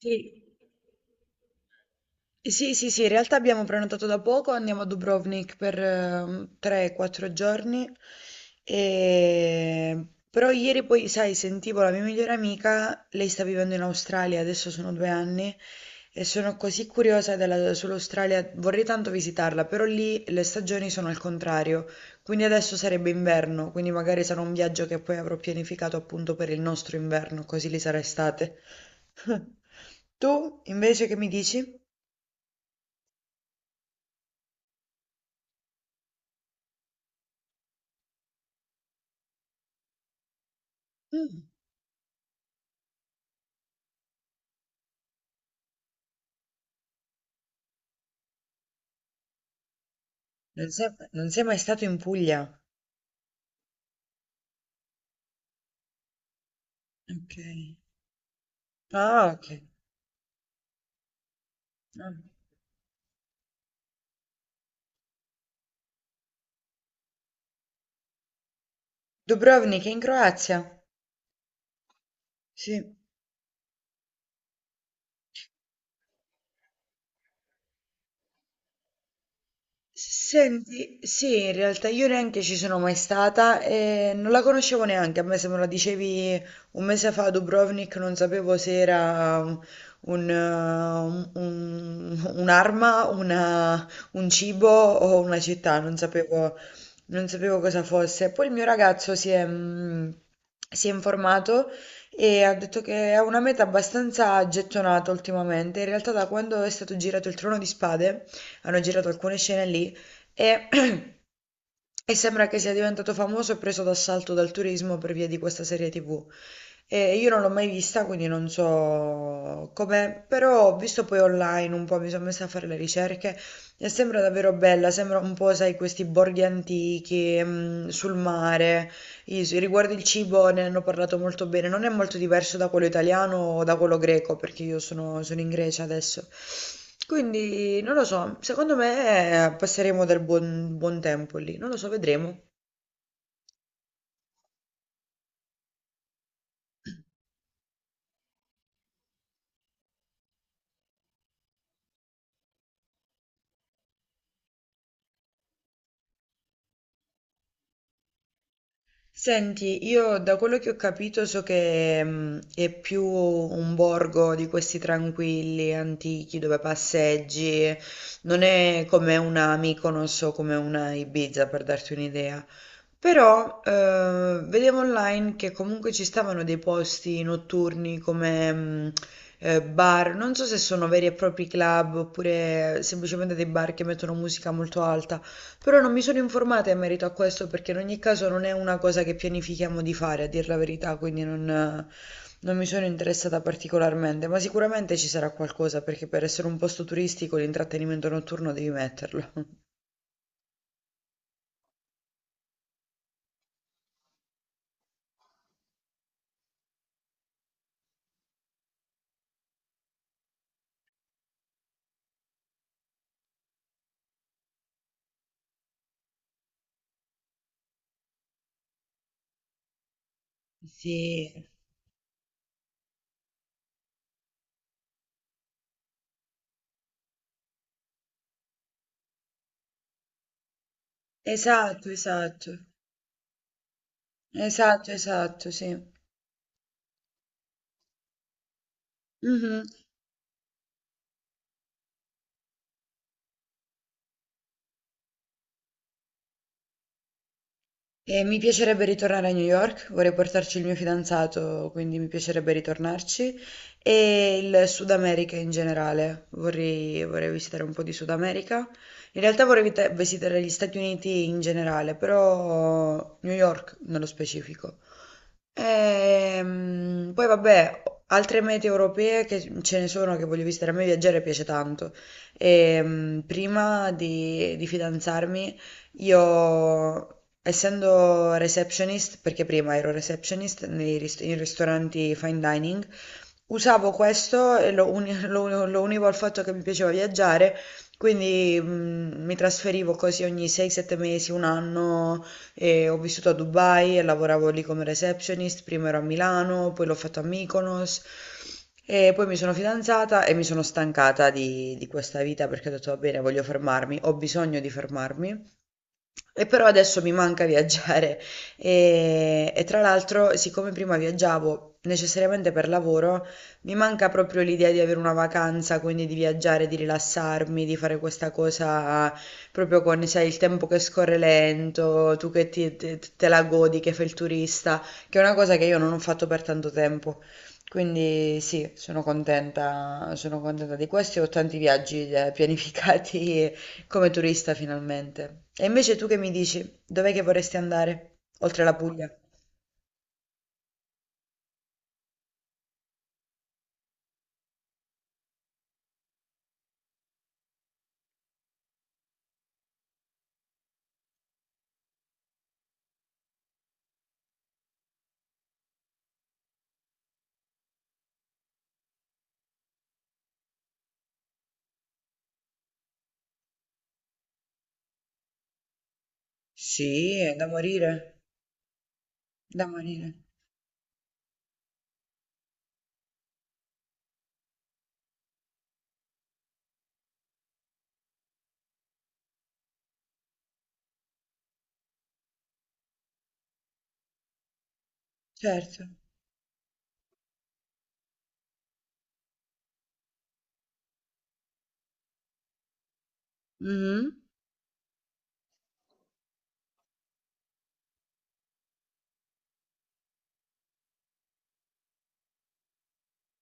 Sì. Sì, in realtà abbiamo prenotato da poco, andiamo a Dubrovnik per 3-4 giorni, però ieri poi, sai, sentivo la mia migliore amica, lei sta vivendo in Australia, adesso sono due anni, e sono così sull'Australia, vorrei tanto visitarla, però lì le stagioni sono al contrario, quindi adesso sarebbe inverno, quindi magari sarà un viaggio che poi avrò pianificato appunto per il nostro inverno, così lì sarà estate. Tu invece che mi dici? Mm, non sei mai stato in Puglia? Ok. Ah, ok. Ah. Dubrovnik è in Croazia? Sì. Senti, sì, in realtà io neanche ci sono mai stata e non la conoscevo neanche. A me se me la dicevi un mese fa a Dubrovnik non sapevo se era un- un'arma, un cibo o una città, non sapevo cosa fosse. Poi il mio ragazzo si è informato e ha detto che è una meta abbastanza gettonata ultimamente. In realtà da quando è stato girato il Trono di Spade. Hanno girato alcune scene lì e, e sembra che sia diventato famoso e preso d'assalto dal turismo per via di questa serie TV. Io non l'ho mai vista, quindi non so com'è, però ho visto poi online un po', mi sono messa a fare le ricerche e sembra davvero bella, sembra un po', sai, questi borghi antichi, mm, sul mare. Riguardo il cibo ne hanno parlato molto bene, non è molto diverso da quello italiano o da quello greco, perché sono in Grecia adesso. Quindi non lo so, secondo me passeremo del buon tempo lì, non lo so, vedremo. Senti, io da quello che ho capito so che è più un borgo di questi tranquilli, antichi, dove passeggi, non è come una Mykonos o come una Ibiza, per darti un'idea. Però vedevo online che comunque ci stavano dei posti notturni come bar, non so se sono veri e propri club oppure semplicemente dei bar che mettono musica molto alta però non mi sono informata in merito a questo perché in ogni caso non è una cosa che pianifichiamo di fare, a dir la verità, quindi non mi sono interessata particolarmente, ma sicuramente ci sarà qualcosa perché per essere un posto turistico l'intrattenimento notturno devi metterlo. Sì, esatto, esatto, esatto, esatto, sì. Mhm. E mi piacerebbe ritornare a New York, vorrei portarci il mio fidanzato, quindi mi piacerebbe ritornarci. E il Sud America in generale, vorrei visitare un po' di Sud America. In realtà visitare gli Stati Uniti in generale, però New York nello specifico. Poi vabbè, altre mete europee che ce ne sono che voglio visitare, a me viaggiare piace tanto. Di fidanzarmi, io, essendo receptionist, perché prima ero receptionist in ristoranti fine dining, usavo questo e lo univo al fatto che mi piaceva viaggiare, quindi mi trasferivo così ogni 6-7 mesi, un anno, e ho vissuto a Dubai e lavoravo lì come receptionist, prima ero a Milano, poi l'ho fatto a Mykonos e poi mi sono fidanzata e mi sono stancata di questa vita perché ho detto va bene, voglio fermarmi, ho bisogno di fermarmi e però adesso mi manca viaggiare e tra l'altro, siccome prima viaggiavo necessariamente per lavoro, mi manca proprio l'idea di avere una vacanza, quindi di viaggiare, di rilassarmi, di fare questa cosa proprio con, sai, il tempo che scorre lento, tu che te la godi, che fai il turista, che è una cosa che io non ho fatto per tanto tempo. Quindi sì, sono contenta di questo e ho tanti viaggi pianificati come turista finalmente. E invece tu che mi dici? Dov'è che vorresti andare? Oltre la Puglia? Sì, è da morire. Da morire. Certo. Mhm.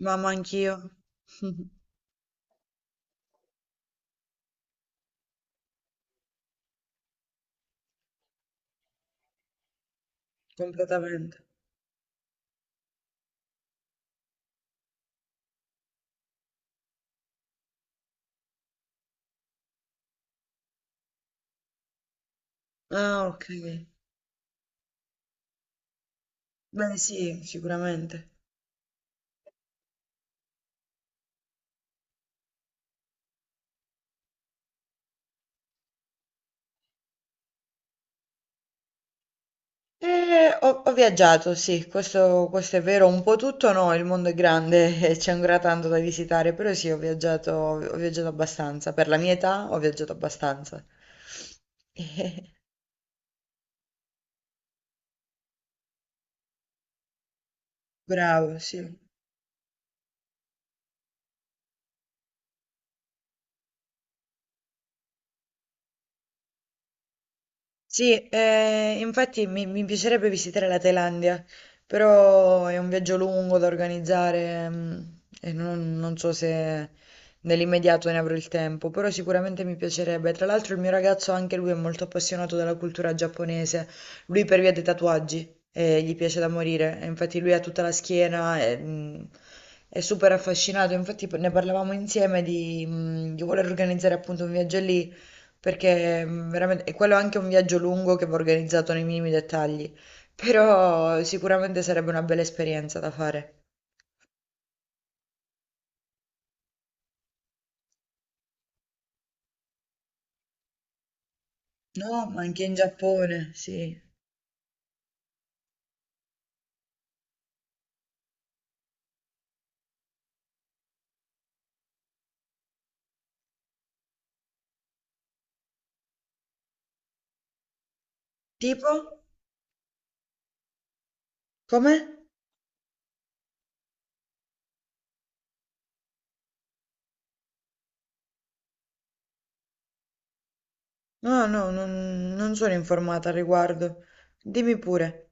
Mamma anch'io. Completamente. Ah, ok. Beh, sì, sicuramente. Ho viaggiato, sì, questo è vero, un po' tutto no, il mondo è grande e c'è ancora tanto da visitare, però sì, ho viaggiato abbastanza, per la mia età ho viaggiato abbastanza. Bravo, sì. Sì, infatti mi piacerebbe visitare la Thailandia, però è un viaggio lungo da organizzare, mm, e non so se nell'immediato ne avrò il tempo, però sicuramente mi piacerebbe. Tra l'altro il mio ragazzo anche lui è molto appassionato della cultura giapponese, lui per via dei tatuaggi, gli piace da morire, e infatti lui ha tutta la schiena, e, è super affascinato, infatti ne parlavamo insieme di, di voler organizzare appunto un viaggio lì. Perché, veramente e quello è anche un viaggio lungo che va organizzato nei minimi dettagli, però sicuramente sarebbe una bella esperienza da fare. No, ma anche in Giappone, sì. Tipo? Come? No, no, non sono informata al riguardo. Dimmi pure.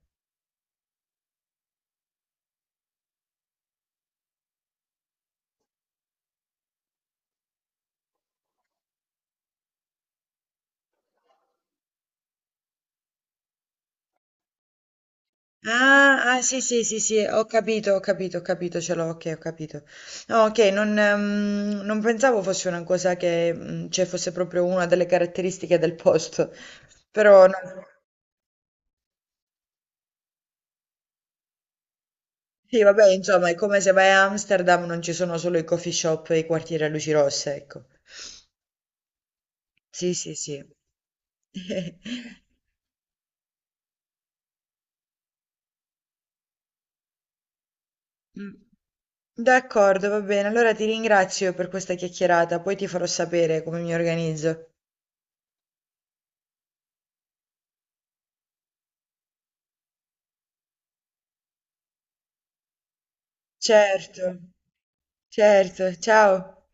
Ah, ah, sì, sì, sì, sì, ho capito, ho capito, ho capito, ce l'ho, okay, ho capito. No, okay, non pensavo fosse una cosa che, cioè fosse proprio una delle caratteristiche del posto, però no. Sì, vabbè, insomma, è come se vai a Amsterdam non ci sono solo i coffee shop e i quartieri a luci rosse, ecco. Sì, sì, sì. Mm. D'accordo, va bene. Allora ti ringrazio per questa chiacchierata, poi ti farò sapere come mi organizzo. Certo, certo. Ciao.